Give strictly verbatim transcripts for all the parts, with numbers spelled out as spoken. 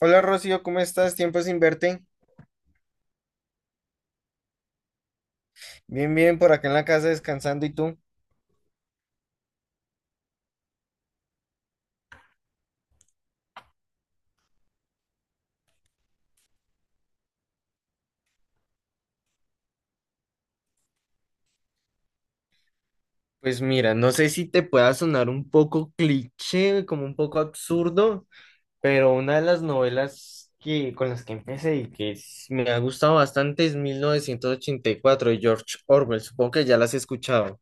Hola Rocío, ¿cómo estás? Tiempo sin verte. Bien, bien, por acá en la casa descansando. ¿Y tú? Pues mira, no sé si te pueda sonar un poco cliché, como un poco absurdo, pero una de las novelas que, con las que empecé y que s- me ha gustado bastante es mil novecientos ochenta y cuatro de George Orwell. Supongo que ya las has escuchado.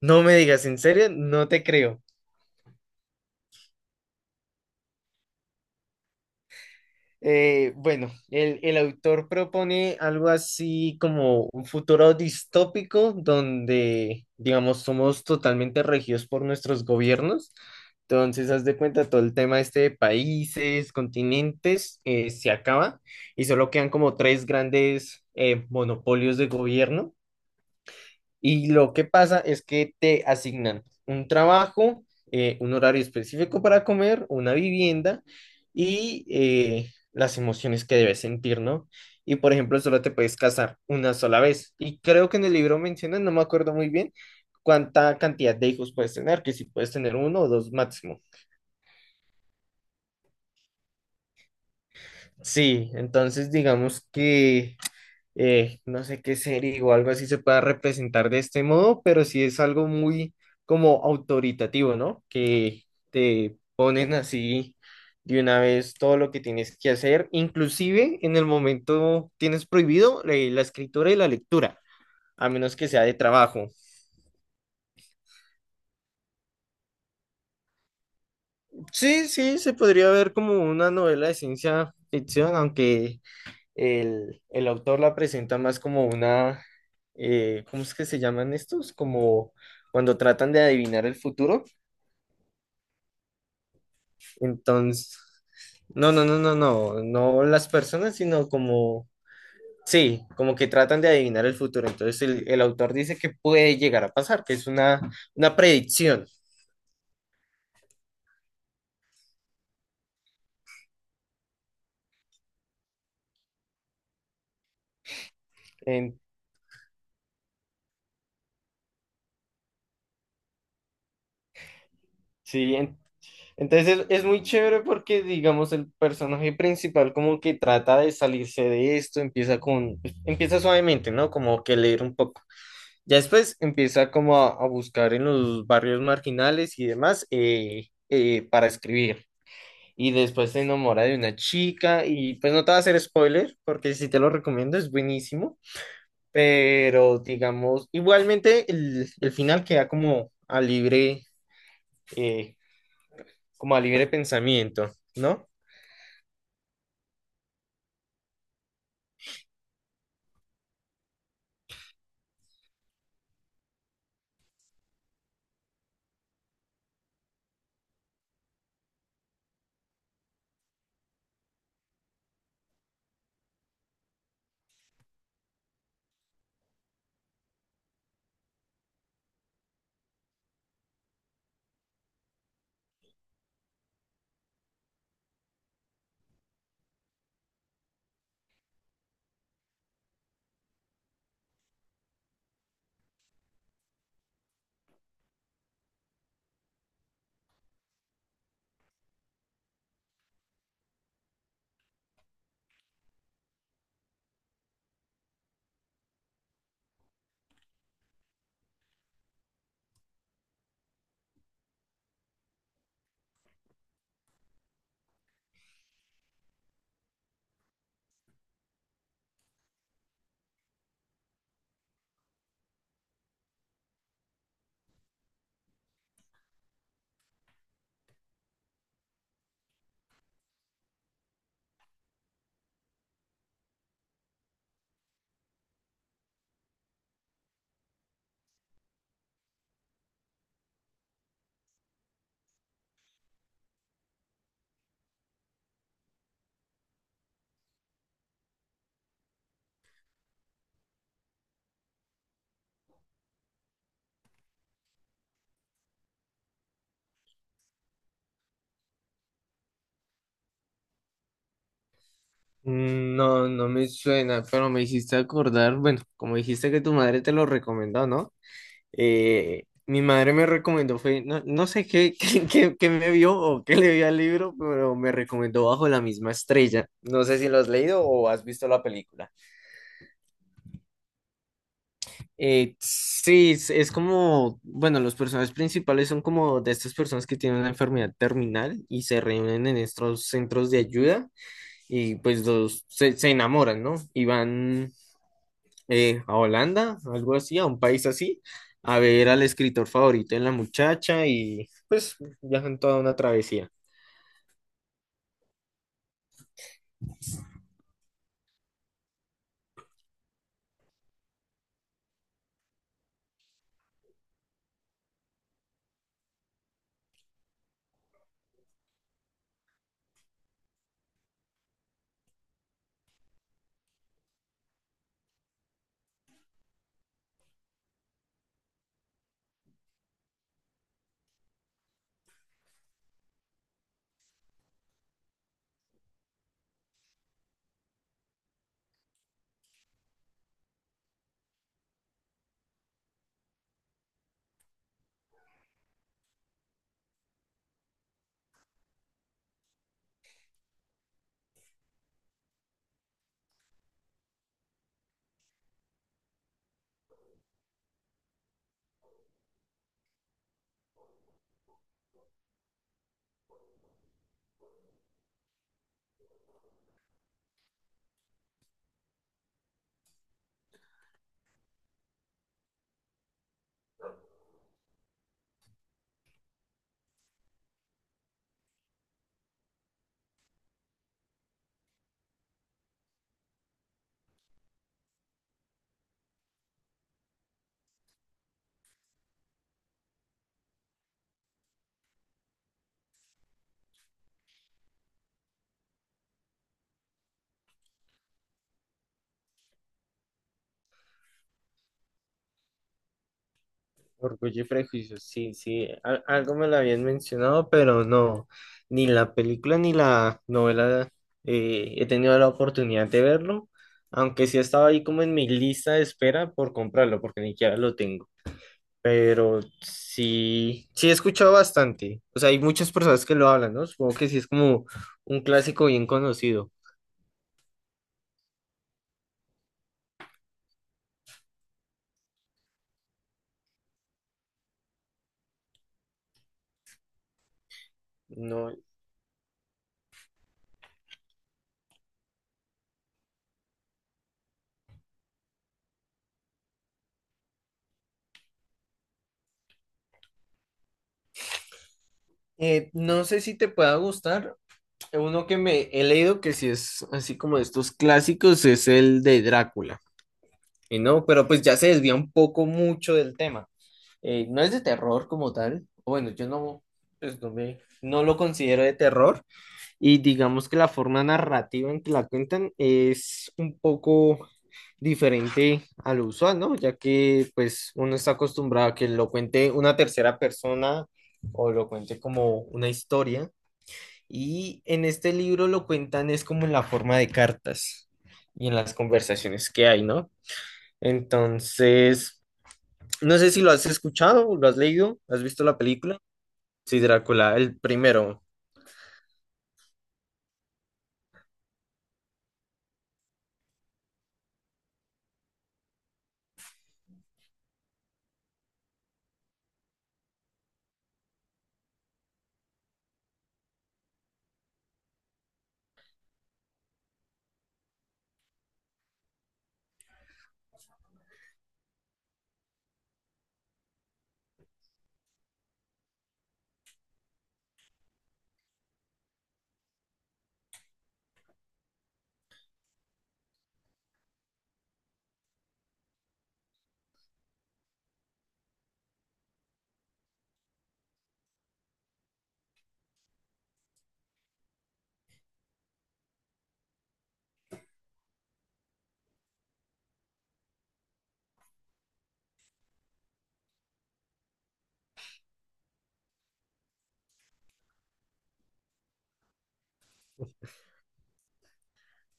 No me digas, ¿en serio? No te creo. Eh, bueno, el, el autor propone algo así como un futuro distópico donde, digamos, somos totalmente regidos por nuestros gobiernos. Entonces, haz de cuenta, todo el tema este de países, continentes, eh, se acaba y solo quedan como tres grandes eh, monopolios de gobierno. Y lo que pasa es que te asignan un trabajo, eh, un horario específico para comer, una vivienda y eh, las emociones que debes sentir, ¿no? Y por ejemplo, solo te puedes casar una sola vez. Y creo que en el libro mencionan, no me acuerdo muy bien, cuánta cantidad de hijos puedes tener, que si puedes tener uno o dos máximo. Sí, entonces digamos que eh, no sé qué serie o algo así se pueda representar de este modo, pero sí es algo muy como autoritativo, ¿no? Que te ponen así de una vez todo lo que tienes que hacer, inclusive en el momento tienes prohibido eh, la escritura y la lectura, a menos que sea de trabajo. Sí, sí, se podría ver como una novela de ciencia ficción, aunque El, el autor la presenta más como una, eh, ¿cómo es que se llaman estos? Como cuando tratan de adivinar el futuro. Entonces, no, no, no, no, no, no las personas, sino como, sí, como que tratan de adivinar el futuro. Entonces, el, el autor dice que puede llegar a pasar, que es una, una predicción. En, sí, en- Entonces es, es muy chévere porque, digamos, el personaje principal como que trata de salirse de esto, empieza con, pues, empieza suavemente, ¿no? Como que leer un poco. Ya después empieza como a, a buscar en los barrios marginales y demás eh, eh, para escribir. Y después se enamora de una chica y pues no te va a hacer spoiler porque si te lo recomiendo es buenísimo. Pero digamos, igualmente el, el final queda como a libre, eh, como a libre pensamiento, ¿no? Mm, No, no me suena, pero me hiciste acordar, bueno, como dijiste que tu madre te lo recomendó, ¿no? Eh, mi madre me recomendó, fue, no, no sé qué, qué, qué- qué me vio o qué le vio al libro, pero me recomendó Bajo la misma estrella. No sé si lo has leído o has visto la película. Eh, sí, es, es como, bueno, los personajes principales son como de estas personas que tienen una enfermedad terminal y se reúnen en estos centros de ayuda y pues los, se, se enamoran, ¿no? Y van eh, a Holanda, algo así, a un país así, a ver al escritor favorito en la muchacha y pues viajan toda una travesía. Orgullo y Prejuicio, sí, sí, al- algo me lo habían mencionado, pero no, ni la película ni la novela eh, he tenido la oportunidad de verlo, aunque sí estaba ahí como en mi lista de espera por comprarlo, porque ni siquiera lo tengo. Pero sí, sí he escuchado bastante. O sea, hay muchas personas que lo hablan, ¿no? Supongo que sí es como un clásico bien conocido. No, eh, no sé si te pueda gustar. Uno que me he leído que sí es así como de estos clásicos es el de Drácula. Y no, pero pues ya se desvía un poco mucho del tema. Eh, no es de terror como tal. O bueno, yo no, pues no me, no lo considero de terror. Y digamos que la forma narrativa en que la cuentan es un poco diferente a lo usual, ¿no? Ya que pues uno está acostumbrado a que lo cuente una tercera persona o lo cuente como una historia. Y en este libro lo cuentan es como en la forma de cartas y en las conversaciones que hay, ¿no? Entonces, no sé si lo has escuchado, lo has leído, has visto la película. Sí, Drácula, el primero.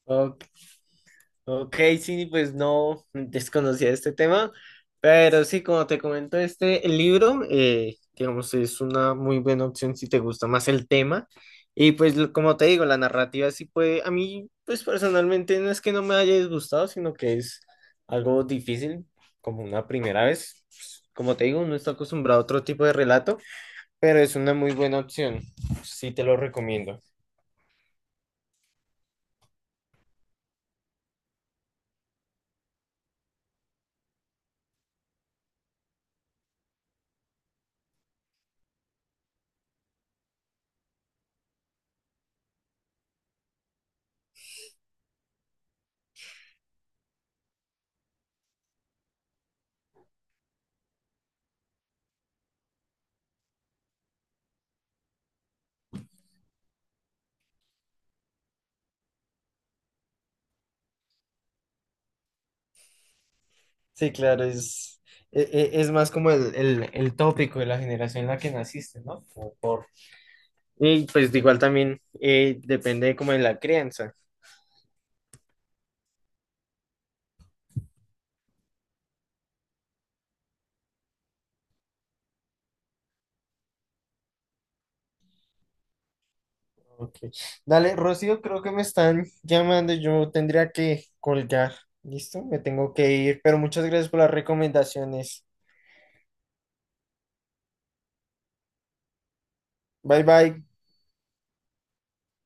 Ok, ok, sí, pues no desconocía este tema, pero sí, como te comento, este libro, eh, digamos, es una muy buena opción si te gusta más el tema. Y pues, lo- como te digo, la narrativa sí puede, a mí, pues personalmente no es que no me haya disgustado, sino que es algo difícil, como una primera vez. Pues, como te digo, no está acostumbrado a otro tipo de relato, pero es una muy buena opción, sí te lo recomiendo. Sí, claro, es, e- e- es, más como el, el, el tópico de la generación en la que naciste, ¿no? Y pues de igual también eh, depende como de la crianza. Ok. Dale, Rocío, creo que me están llamando, yo tendría que colgar. ¿Listo? Me tengo que ir, pero muchas gracias por las recomendaciones. Bye bye.